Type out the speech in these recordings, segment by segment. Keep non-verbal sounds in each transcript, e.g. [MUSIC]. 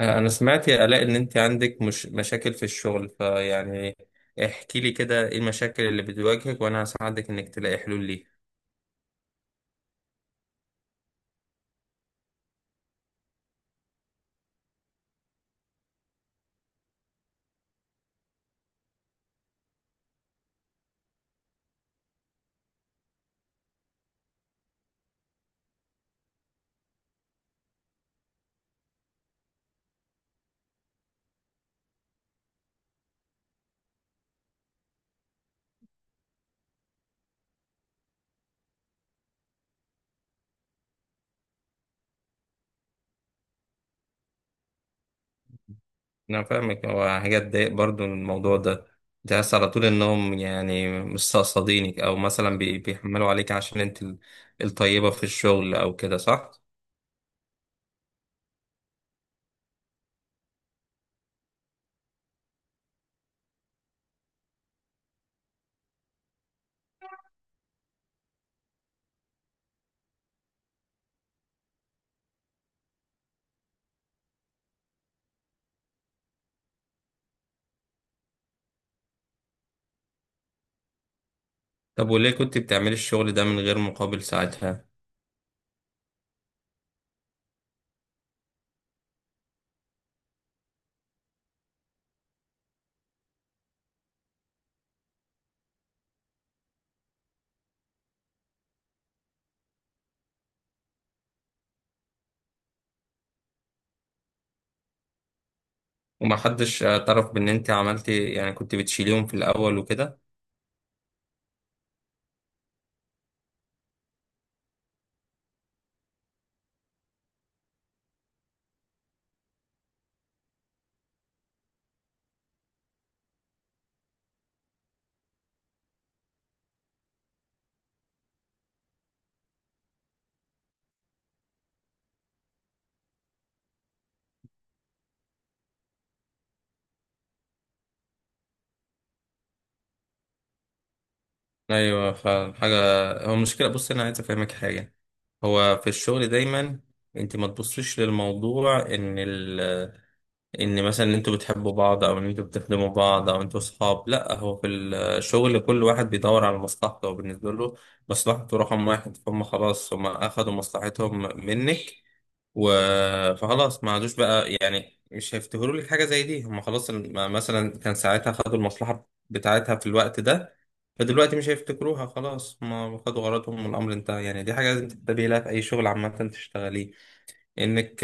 أنا سمعت يا آلاء ان انت عندك مش مشاكل في الشغل فيعني احكي لي كده ايه المشاكل اللي بتواجهك وانا هساعدك انك تلاقي حلول ليها. انا فاهمك، هو حاجات تضايق برضو الموضوع ده. تحس على طول انهم يعني مستقصدينك او مثلا بيحملوا عليك عشان انت الطيبة في الشغل او كده، صح؟ طب وليه كنت بتعملي الشغل ده من غير مقابل ساعتها؟ ومحدش اعترف بان انت عملتي، يعني كنت بتشيليهم في الاول وكده. ايوه فعلا حاجه. هو المشكله بص، انا عايز افهمك حاجه. هو في الشغل دايما انت ما تبصيش للموضوع ان ال ان مثلا ان انتوا بتحبوا بعض او ان انتوا بتخدموا بعض او انتوا صحاب، لا هو في الشغل كل واحد بيدور على مصلحته، وبالنسبه له مصلحته رقم واحد. فهم خلاص، هم اخدوا مصلحتهم منك و... فخلاص ما عادوش بقى، يعني مش هيفتكروا لك حاجه زي دي. هم خلاص مثلا كان ساعتها خدوا المصلحه بتاعتها في الوقت ده، فدلوقتي مش هيفتكروها. خلاص ما خدوا غرضهم والامر انتهى. يعني دي حاجه لازم تنتبهي لها في اي شغل عامه تشتغليه. انك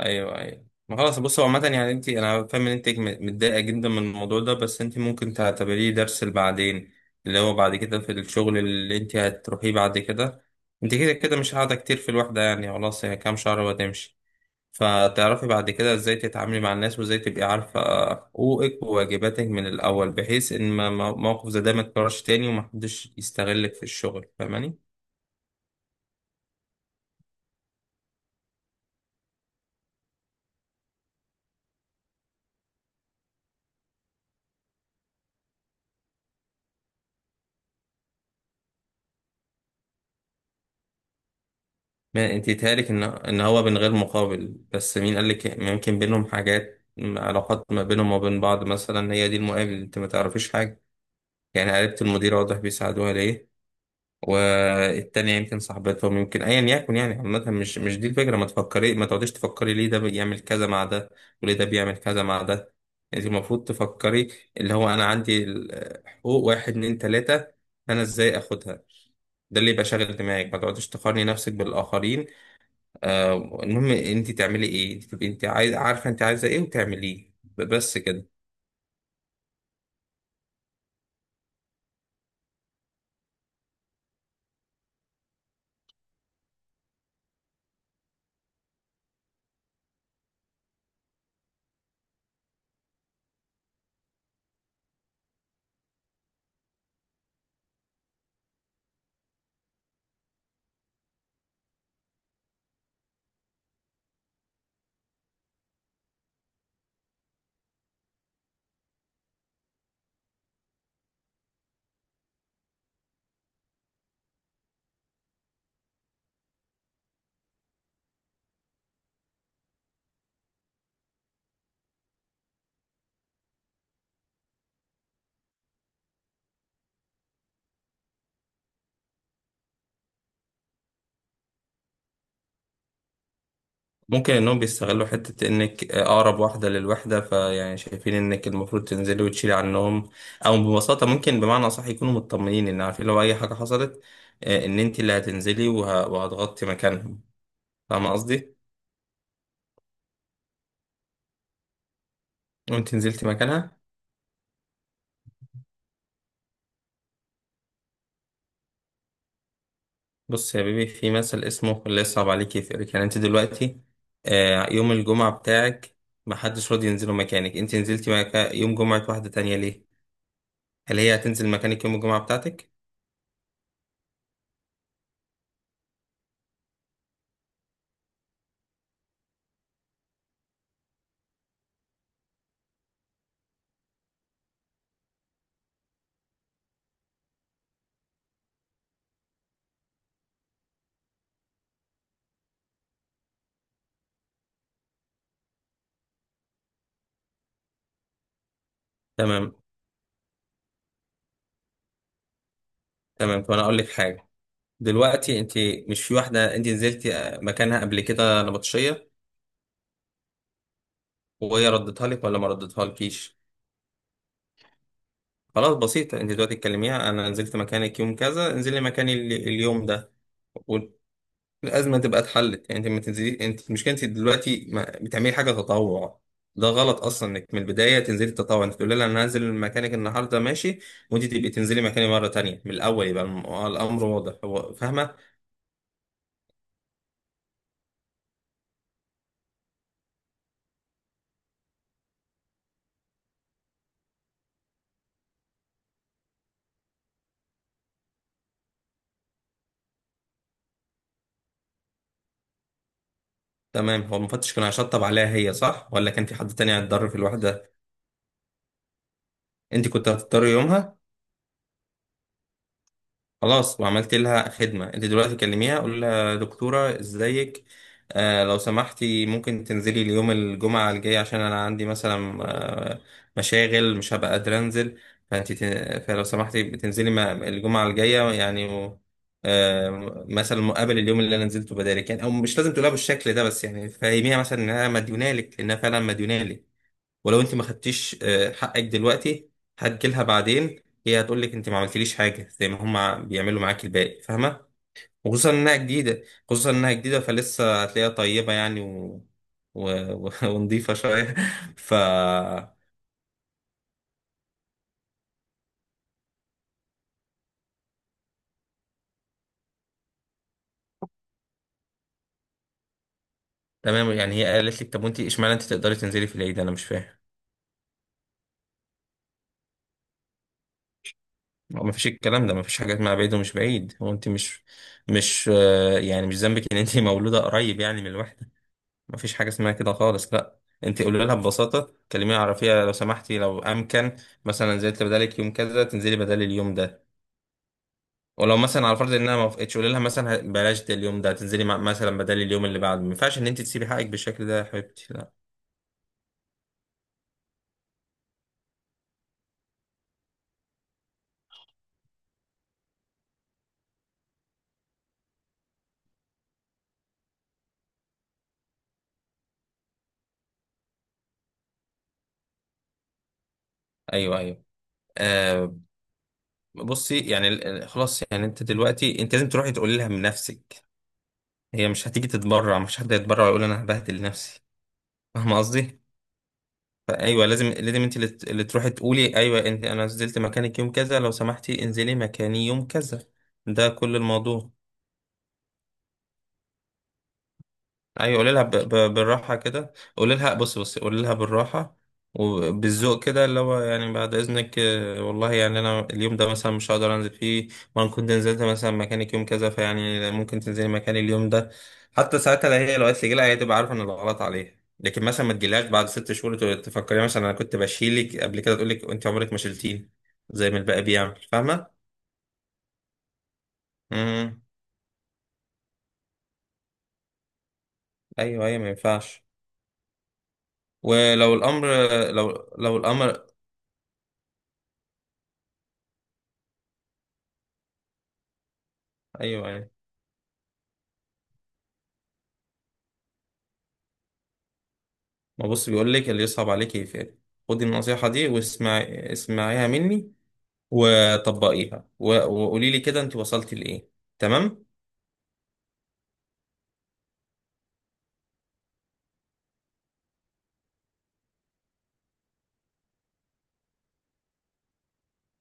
ايوه ايوه، ما خلاص بص، هو عامة يعني انت، انا فاهم ان انت متضايقة جدا من الموضوع ده، بس انت ممكن تعتبريه درس لبعدين، اللي هو بعد كده في الشغل اللي انت هتروحيه بعد كده. انت كده كده مش قاعدة كتير في الوحدة، يعني خلاص هي كام شهر وهتمشي. فتعرفي بعد كده ازاي تتعاملي مع الناس وازاي تبقي عارفة حقوقك وواجباتك من الأول، بحيث ان موقف زي ده ما يتكررش تاني ومحدش يستغلك في الشغل. فاهماني؟ ما انت تهالك ان ان هو من غير مقابل، بس مين قال لك؟ ممكن بينهم حاجات، علاقات ما بينهم وبين بعض مثلا، هي دي المقابل، انت ما تعرفيش حاجه. يعني قريبة المدير واضح بيساعدوها ليه، والتانية يمكن صاحبتهم، يمكن ايا يكن يعني. عامة مش دي الفكرة، ما تفكري، ما تقعديش تفكري ليه ده بيعمل كذا مع ده وليه ده بيعمل كذا مع ده. انت المفروض تفكري اللي هو انا عندي حقوق واحد اتنين تلاتة، انا ازاي اخدها. ده اللي يبقى شاغل دماغك، ما تقعديش تقارني نفسك بالاخرين. آه المهم انت تعملي ايه، تبقي انت عايز عارفه انت عايزه ايه وتعمليه بس كده. ممكن انهم بيستغلوا حته انك اقرب واحده للوحده فيعني شايفين انك المفروض تنزلي وتشيلي عنهم، او ببساطه ممكن بمعنى صح يكونوا مطمنين ان عارفين لو اي حاجه حصلت ان انت اللي هتنزلي وهتغطي مكانهم. فاهمه قصدي؟ وانت نزلتي مكانها. بص يا بيبي، في مثل اسمه اللي يصعب عليك يفرق. يعني انت دلوقتي يوم الجمعة بتاعك محدش راضي ينزله مكانك، انت نزلتي يوم جمعة واحدة تانية ليه؟ هل هي هتنزل مكانك يوم الجمعة بتاعتك؟ تمام تمام، طب انا اقول لك حاجة. دلوقتي انت مش في واحدة انت نزلتي مكانها قبل كده نبطشية، وهي ردتها لك ولا ما ردتها لكيش؟ خلاص بسيطة، انت دلوقتي تكلميها: انا نزلت مكانك يوم كذا، انزلي مكاني اليوم ده. الازمه تبقى اتحلت. يعني انت ما تنزلي، انت مشكلتي دلوقتي ما بتعملي حاجه تطوع. ده غلط اصلا انك من البدايه تنزلي تطوع. انت تقولي لها انا هنزل مكانك النهارده ماشي، وانت تبقي تنزلي مكاني مره تانية. من الاول يبقى الامر واضح، هو فاهمه. تمام، هو المفتش كان هيشطب عليها هي، صح، ولا كان في حد تاني هيتضرر في الوحده؟ انت كنت هتضطري يومها. خلاص، وعملت لها خدمة. انت دلوقتي كلميها، قول لها: دكتورة ازيك، آه لو سمحتي ممكن تنزلي اليوم الجمعة الجاي عشان انا عندي مثلا آه مشاغل مش هبقى قادرة انزل، فانت فلو سمحتي بتنزلي الجمعة الجاية يعني و... آه مثلا مقابل اليوم اللي انا نزلته بدالك يعني. او مش لازم تقولها بالشكل ده، بس يعني فهميها مثلا انها مديونالك، لانها فعلا مديونالك. ولو انت ما خدتيش حقك دلوقتي، هتجيلها بعدين هي هتقول لك انت ما عملتليش حاجه، زي ما هم بيعملوا معاك الباقي. فاهمه؟ وخصوصا انها جديده، خصوصا انها جديده فلسه هتلاقيها طيبه، يعني و... و... و... [LAUGHS] ونضيفه شويه. ف تمام، يعني هي قالت لك طب وانت اشمعنى انت تقدري تنزلي في العيد؟ انا مش فاهم. هو ما فيش الكلام ده، ما فيش حاجه اسمها بعيد ومش بعيد. هو انت مش يعني مش ذنبك ان انت مولوده قريب يعني من الواحد. مفيش حاجة اسمها كده خالص، لا. انت قولي لها ببساطة، كلميها عرفيها: لو سمحتي، لو امكن، مثلا نزلت بدالك يوم كذا، تنزلي بدالي اليوم ده. ولو مثلا على فرض انها ما وافقتش، قولي لها مثلا بلاش ده اليوم ده، تنزلي مثلا بدالي اليوم اللي بعده. ما ينفعش ان انت تسيبي حقك بالشكل ده يا حبيبتي، لا. ايوه ايوه آه. بصي يعني خلاص يعني انت دلوقتي انت لازم تروحي تقولي لها من نفسك. هي مش هتيجي تتبرع، مش حد يتبرع ويقول انا هبهدل نفسي. فاهمه قصدي؟ ايوه لازم لازم انت اللي تروحي تقولي، ايوه انت: انا نزلت مكانك يوم كذا، لو سمحتي انزلي مكاني يوم كذا. ده كل الموضوع. ايوه قولي لها ب... ب... بالراحه كده، قولي لها بص بص قولي لها بالراحه وبالذوق كده، اللي هو يعني بعد اذنك آه، والله يعني انا اليوم ده مثلا مش هقدر انزل فيه، وانا كنت نزلت مثلا مكانك يوم كذا، فيعني ممكن تنزلي مكاني اليوم ده. حتى ساعتها لو هي لو قالت لي جيلها، هي تبقى عارفه ان الغلط عليها. لكن مثلا ما تجيلهاش بعد 6 شهور تفكري مثلا انا كنت بشيلك قبل كده، تقول لك انت عمرك ما شلتيني زي ما الباقي بيعمل. فاهمه؟ امم ايوه ايوه، ما ينفعش. ولو الامر، لو لو الامر، ايوه ايوه، ما بص بيقول لك اللي يصعب عليك يفعل. خدي النصيحة دي واسمعي، اسمعيها مني وطبقيها و... وقولي لي كده انت وصلتي لإيه. تمام.